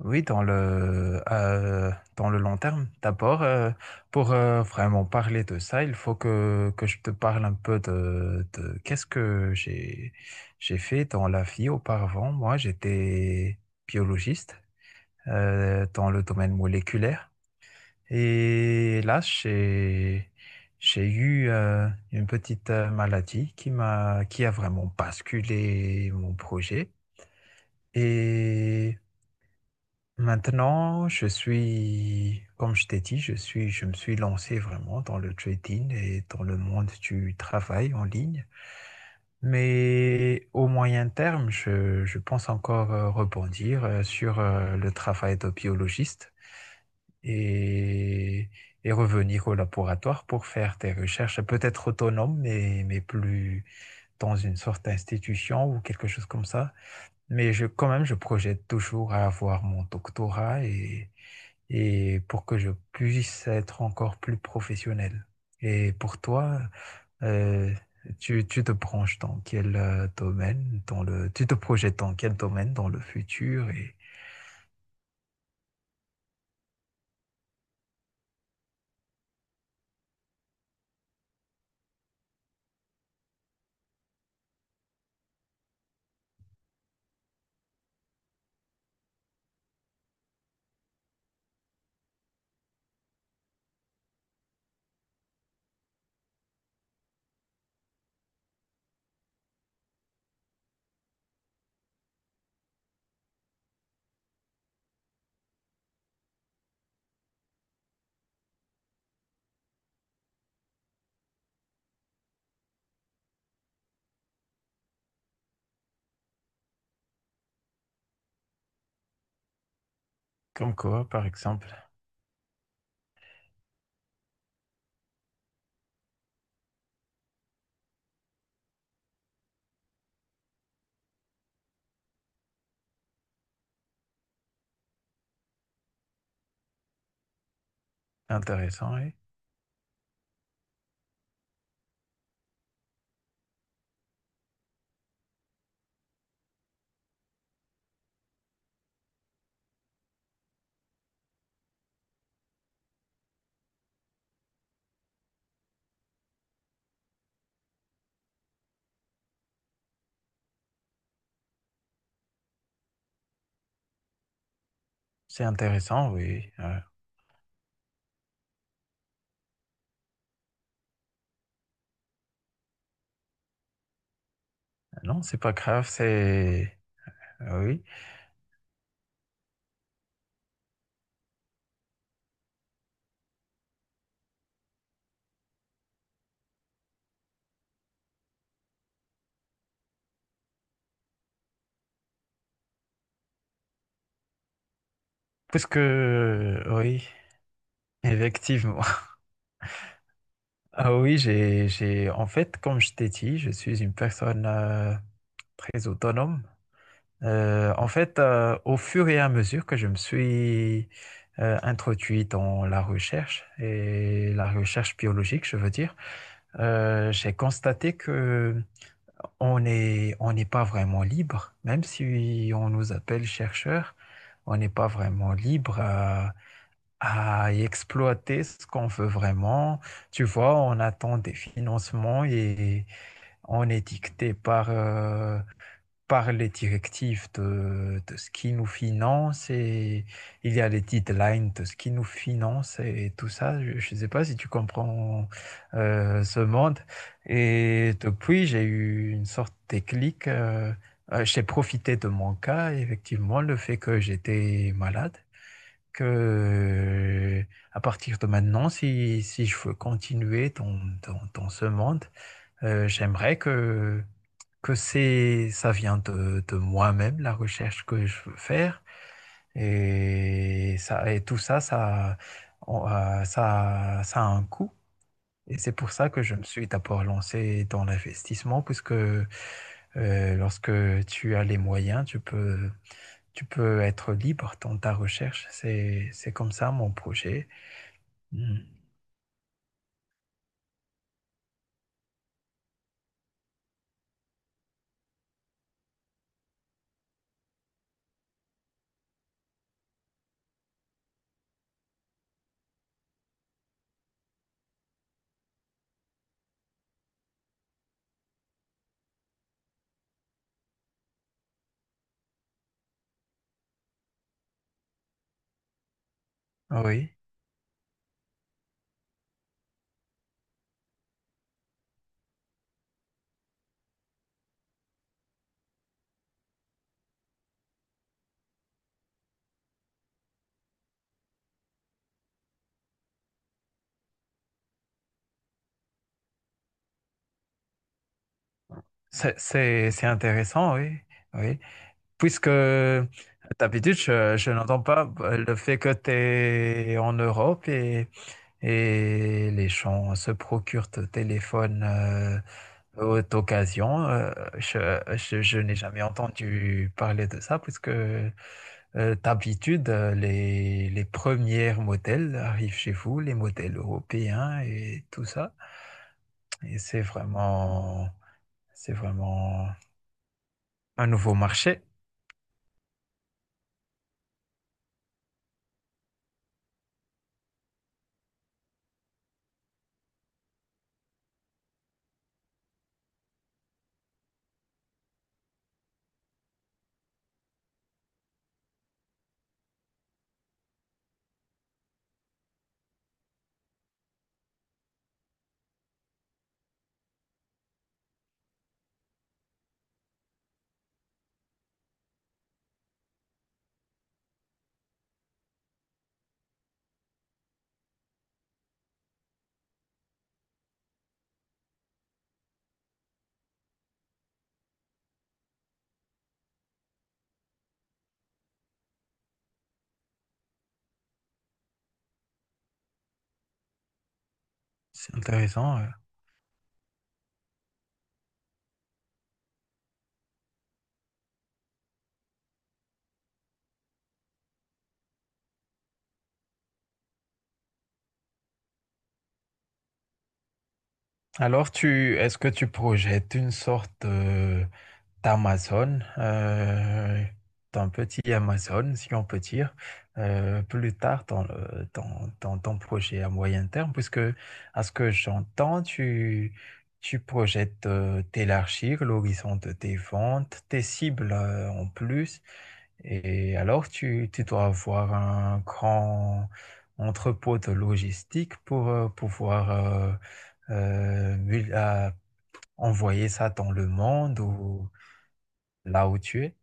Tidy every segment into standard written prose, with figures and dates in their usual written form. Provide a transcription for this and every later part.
Oui, dans le long terme. D'abord, pour vraiment parler de ça, il faut que je te parle un peu de j'ai fait dans la vie auparavant. Moi, j'étais biologiste dans le domaine moléculaire. Et là, j'ai eu une petite maladie qui a vraiment basculé mon projet. Et Maintenant, comme je t'ai dit, je me suis lancé vraiment dans le trading et dans le monde du travail en ligne. Mais au moyen terme, je pense encore rebondir sur le travail de biologiste et, et revenir au laboratoire pour faire des recherches peut-être autonomes, mais plus dans une sorte d'institution ou quelque chose comme ça. Quand même, je projette toujours à avoir mon doctorat et pour que je puisse être encore plus professionnel. Et pour toi, euh, tu te branches dans quel domaine, tu te projettes dans quel domaine dans le futur et comme quoi, par exemple. Intéressant, oui. C'est intéressant, oui. Non, c'est pas grave, c'est... ah oui. Parce que, oui, effectivement. Ah oui, j'ai, en fait, comme je t'ai dit, je suis une personne très autonome. Au fur et à mesure que je me suis introduit dans la recherche et la recherche biologique, je veux dire, j'ai constaté que on est, on n'est pas vraiment libre, même si on nous appelle chercheurs, on n'est pas vraiment libre à y exploiter ce qu'on veut vraiment. Tu vois, on attend des financements et on est dicté par par les directives de ce qui nous finance et il y a les deadlines de ce qui nous finance et tout ça. Je ne sais pas si tu comprends ce monde. Et depuis, j'ai eu une sorte de déclic. J'ai profité de mon cas, effectivement, le fait que j'étais malade, que à partir de maintenant, si je veux continuer dans ce monde, j'aimerais que ça vient de moi-même, la recherche que je veux faire. Et tout ça, ça a un coût. Et c'est pour ça que je me suis d'abord lancé dans l'investissement, puisque lorsque tu as les moyens, tu peux être libre dans ta recherche. C'est comme ça mon projet. Mm. Oui, c'est intéressant, oui. Oui. Puisque d'habitude, je n'entends pas le fait que tu es en Europe et les gens se procurent ton téléphone haute occasion. Je n'ai jamais entendu parler de ça, puisque d'habitude, les premiers modèles arrivent chez vous, les modèles européens et tout ça. Et c'est vraiment un nouveau marché. C'est intéressant. Alors, est-ce que tu projettes une sorte d'Amazon, d'un petit Amazon, si on peut dire, plus tard dans ton projet à moyen terme, puisque à ce que j'entends, tu projettes d'élargir l'horizon de tes ventes, tes cibles en plus, et alors tu dois avoir un grand entrepôt de logistique pour à envoyer ça dans le monde ou là où tu es?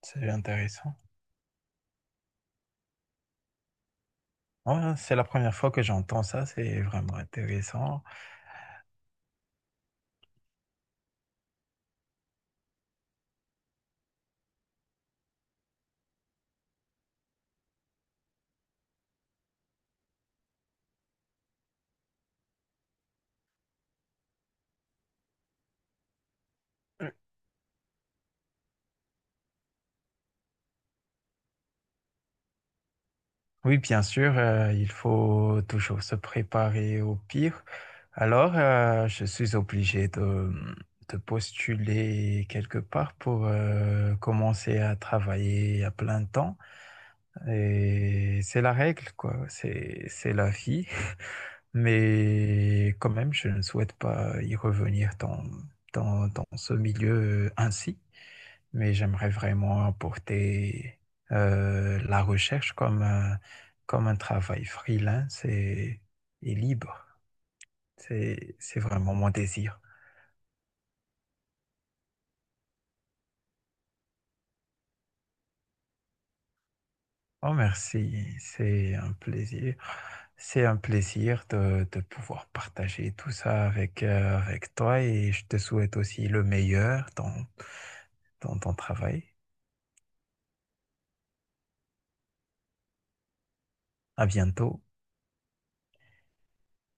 C'est intéressant. Ouais, c'est la première fois que j'entends ça, c'est vraiment intéressant. Oui, bien sûr, il faut toujours se préparer au pire. Alors, je suis obligé de postuler quelque part pour commencer à travailler à plein temps. Et c'est la règle, quoi. C'est la vie. Mais quand même, je ne souhaite pas y revenir dans ce milieu ainsi mais j'aimerais vraiment apporter la recherche comme un travail freelance et libre. C'est vraiment mon désir. Oh, merci, c'est un plaisir. C'est un plaisir de pouvoir partager tout ça avec, avec toi et je te souhaite aussi le meilleur dans, dans ton travail. À bientôt.